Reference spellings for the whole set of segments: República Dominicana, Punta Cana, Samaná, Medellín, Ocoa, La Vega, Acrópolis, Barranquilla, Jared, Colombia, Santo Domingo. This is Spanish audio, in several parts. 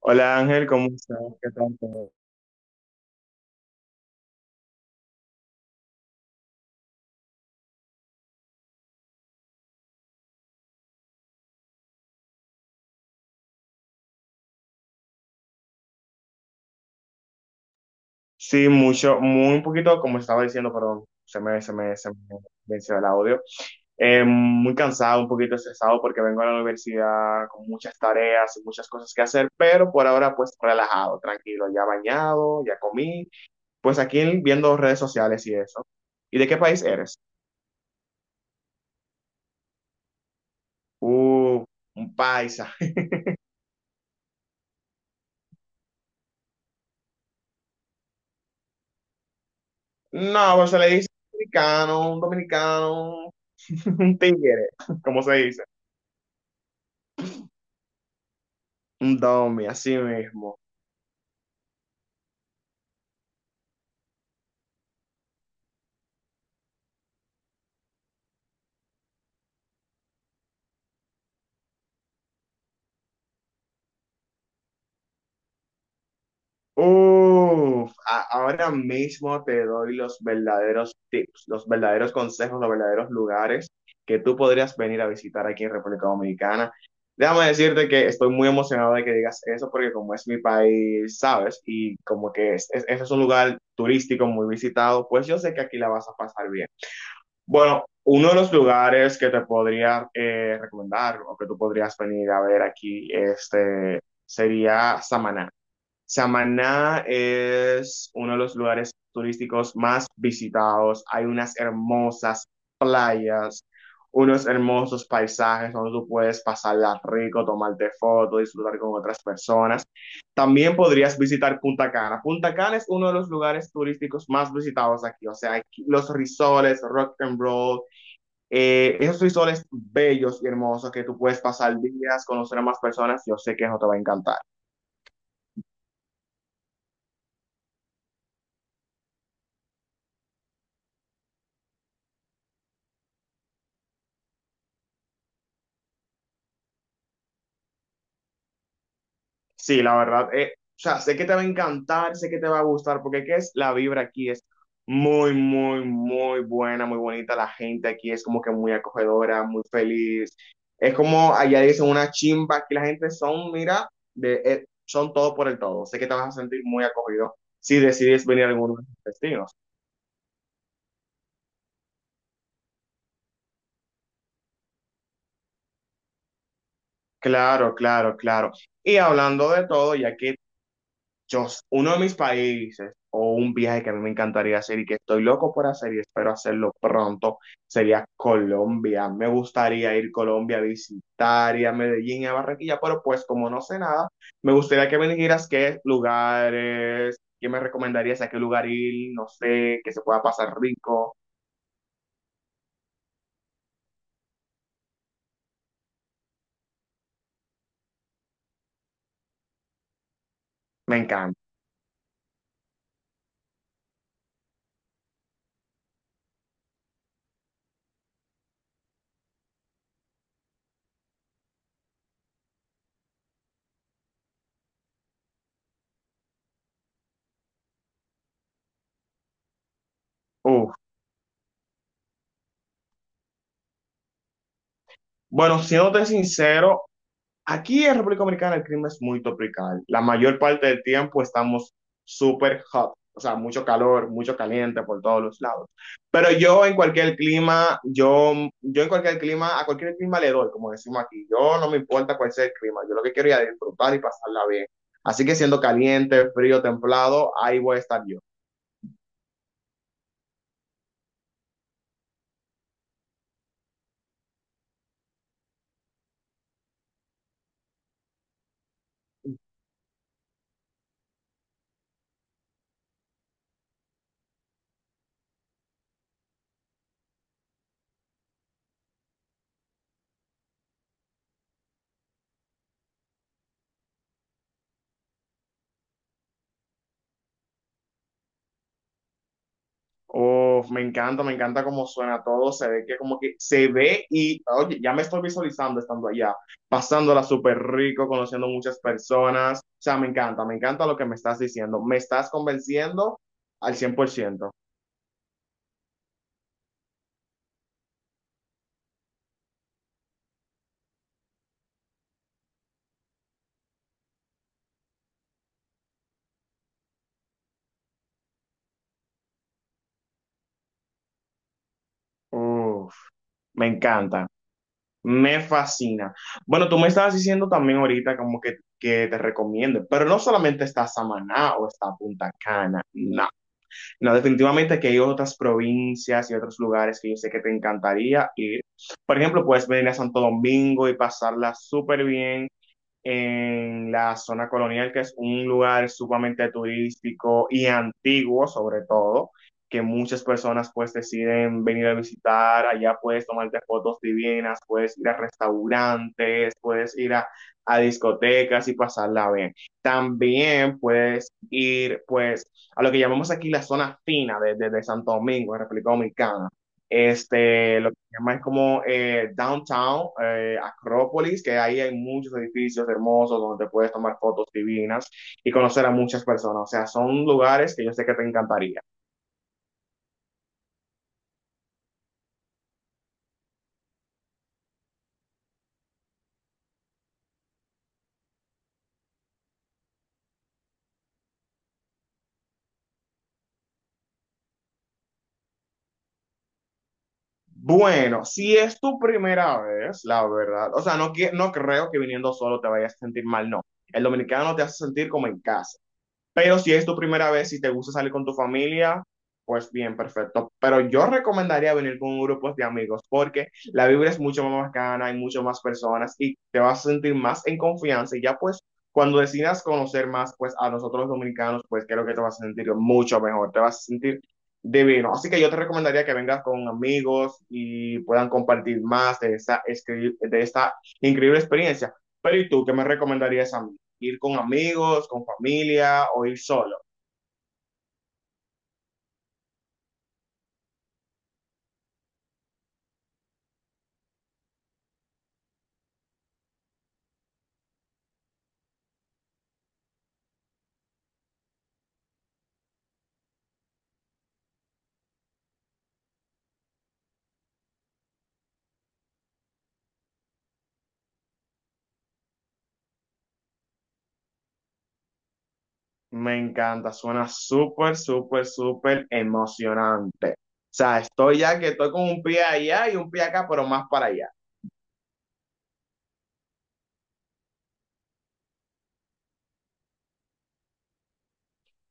Hola Ángel, ¿cómo estás? ¿Qué tal todo? Sí, mucho, muy un poquito, como estaba diciendo, perdón, se me venció el audio. Muy cansado, un poquito estresado porque vengo a la universidad con muchas tareas y muchas cosas que hacer, pero por ahora pues relajado, tranquilo, ya bañado, ya comí, pues aquí viendo redes sociales y eso. ¿Y de qué país eres? Uh, un paisa. No, pues se le dice dominicano, un dominicano, un tigre, como se dice. Un domi, así mismo. Uf, ahora mismo te doy los verdaderos tips, los verdaderos consejos, los verdaderos lugares que tú podrías venir a visitar aquí en República Dominicana. Déjame decirte que estoy muy emocionado de que digas eso porque como es mi país, sabes, y como que ese es un lugar turístico muy visitado, pues yo sé que aquí la vas a pasar bien. Bueno, uno de los lugares que te podría recomendar o que tú podrías venir a ver aquí, este, sería Samaná. Samaná es uno de los lugares turísticos más visitados. Hay unas hermosas playas, unos hermosos paisajes donde tú puedes pasarla rico, tomarte fotos, disfrutar con otras personas. También podrías visitar Punta Cana. Punta Cana es uno de los lugares turísticos más visitados aquí. O sea, aquí- los resorts, rock and roll, esos resorts bellos y hermosos que tú puedes pasar días, conocer a más personas. Yo sé que eso te va a encantar. Sí, la verdad, o sea, sé que te va a encantar, sé que te va a gustar, porque ¿qué es? La vibra aquí es muy, muy, muy buena, muy bonita. La gente aquí es como que muy acogedora, muy feliz. Es como allá dicen una chimba, aquí la gente son, mira, son todo por el todo. Sé que te vas a sentir muy acogido si decides venir a alguno de los destinos. Claro, claro, claro. Y hablando de todo, ya que yo, uno de mis países o un viaje que a mí me encantaría hacer y que estoy loco por hacer y espero hacerlo pronto sería Colombia. Me gustaría ir a Colombia a visitar y a Medellín y a Barranquilla, pero pues como no sé nada, me gustaría que me dijeras qué lugares, qué me recomendarías, a qué lugar ir, no sé, que se pueda pasar rico. Me encanta. Uf. Bueno, siéndote sincero, aquí en República Dominicana el clima es muy tropical. La mayor parte del tiempo estamos súper hot, o sea, mucho calor, mucho caliente por todos los lados. Pero yo en cualquier clima, yo en cualquier clima, a cualquier clima le doy, como decimos aquí. Yo no me importa cuál sea el clima, yo lo que quiero es disfrutar y pasarla bien. Así que siendo caliente, frío, templado, ahí voy a estar yo. Uf, me encanta cómo suena todo, se ve que como que se ve y, oye, ya me estoy visualizando estando allá, pasándola súper rico, conociendo muchas personas, o sea, me encanta lo que me estás diciendo, me estás convenciendo al cien por ciento. Uf, me encanta, me fascina. Bueno, tú me estabas diciendo también ahorita como que te recomiendo, pero no solamente está Samaná o está Punta Cana, no. No, definitivamente que hay otras provincias y otros lugares que yo sé que te encantaría ir. Por ejemplo, puedes venir a Santo Domingo y pasarla súper bien en la zona colonial, que es un lugar sumamente turístico y antiguo sobre todo, que muchas personas pues deciden venir a visitar, allá puedes tomarte fotos divinas, puedes ir a restaurantes, a discotecas y pasarla bien. También puedes ir pues a lo que llamamos aquí la zona fina de Santo Domingo, en República Dominicana. Este, lo llama es como Downtown, Acrópolis, que ahí hay muchos edificios hermosos donde te puedes tomar fotos divinas y conocer a muchas personas. O sea, son lugares que yo sé que te encantaría. Bueno, si es tu primera vez, la verdad, o sea, no, no creo que viniendo solo te vayas a sentir mal, no. El dominicano te hace sentir como en casa. Pero si es tu primera vez y te gusta salir con tu familia, pues bien, perfecto. Pero yo recomendaría venir con grupos de amigos porque la vibra es mucho más bacana, hay mucho más personas y te vas a sentir más en confianza y ya pues cuando decidas conocer más pues a nosotros los dominicanos, pues creo que te vas a sentir mucho mejor, te vas a sentir divino. Así que yo te recomendaría que vengas con amigos y puedan compartir más de de esta increíble experiencia. Pero ¿y tú qué me recomendarías a mí? Ir con amigos, con familia o ir solo. Me encanta, suena súper, súper, súper emocionante. O sea, estoy ya que estoy con un pie allá y un pie acá, pero más para allá.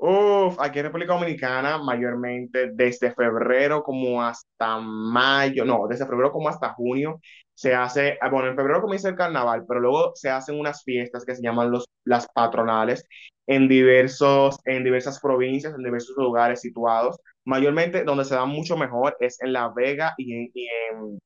Uf, aquí en República Dominicana, mayormente desde febrero como hasta mayo, no, desde febrero como hasta junio, se hace, ah, bueno, en febrero comienza el carnaval, pero luego se hacen unas fiestas que se llaman los, las patronales en diversos, en diversas provincias, en diversos lugares situados. Mayormente donde se da mucho mejor es en La Vega y en,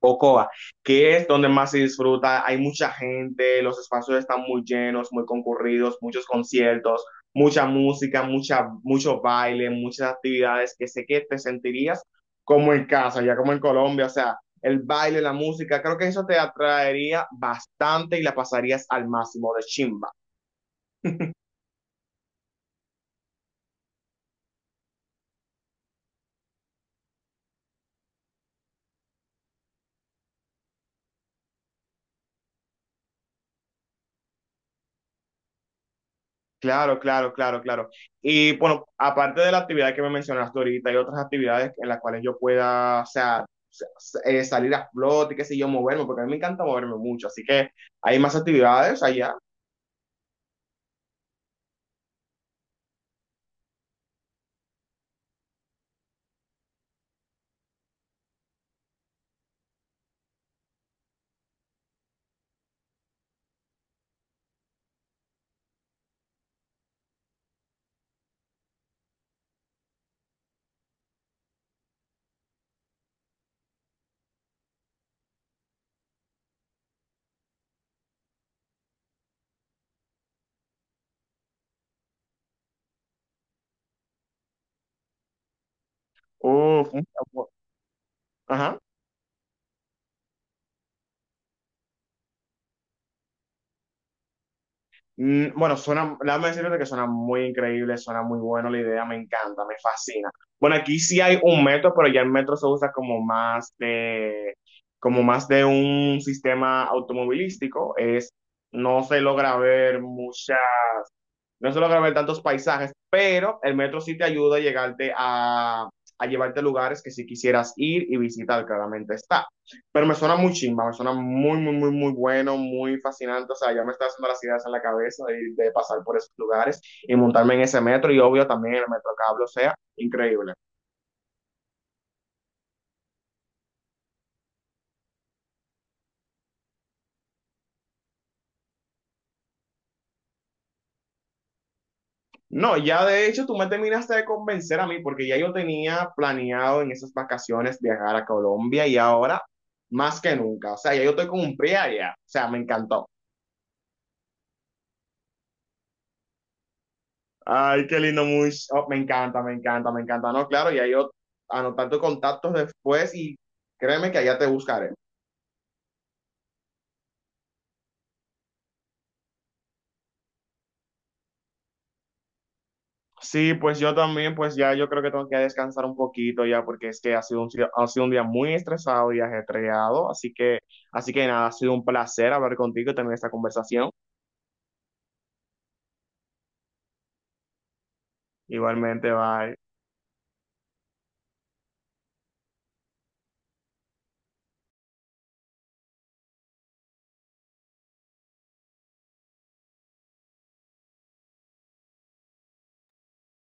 Ocoa, que es donde más se disfruta. Hay mucha gente, los espacios están muy llenos, muy concurridos, muchos conciertos, mucha música, mucha, mucho baile, muchas actividades que sé que te sentirías como en casa, ya como en Colombia, o sea, el baile, la música, creo que eso te atraería bastante y la pasarías al máximo de chimba. Claro, claro, claro, claro. Y bueno, aparte de la actividad que me mencionaste ahorita, hay otras actividades en las cuales yo pueda, o sea, salir a flote, qué sé yo, moverme, porque a mí me encanta moverme mucho. Así que hay más actividades allá. Uf, un- ajá. Mm, bueno, suena, déjame decirte que suena muy increíble, suena muy bueno la idea, me encanta, me fascina. Bueno, aquí sí hay un metro, pero ya el metro se usa como más de un sistema automovilístico. Es, no se logra ver mucha, no se logra ver tantos paisajes, pero el metro sí te ayuda a a llevarte a lugares que si quisieras ir y visitar, claramente está. Pero me suena muy chimba, me suena muy, muy, muy, muy bueno, muy fascinante. O sea, ya me está haciendo las ideas en la cabeza de pasar por esos lugares y montarme en ese metro y obvio también el metro cable, o sea, increíble. No, ya de hecho tú me terminaste de convencer a mí porque ya yo tenía planeado en esas vacaciones viajar a Colombia y ahora más que nunca, o sea, ya yo estoy con un pie allá, o sea, me encantó. Ay, qué lindo, muy. Oh, me encanta, me encanta, me encanta. No, claro, y ahí yo anotar tus contactos después y créeme que allá te buscaré. Sí, pues yo también, pues ya yo creo que tengo que descansar un poquito ya, porque es que ha sido un, si- ha sido un día muy estresado y ajetreado. Así que nada, ha sido un placer hablar contigo y tener esta conversación. Igualmente, bye.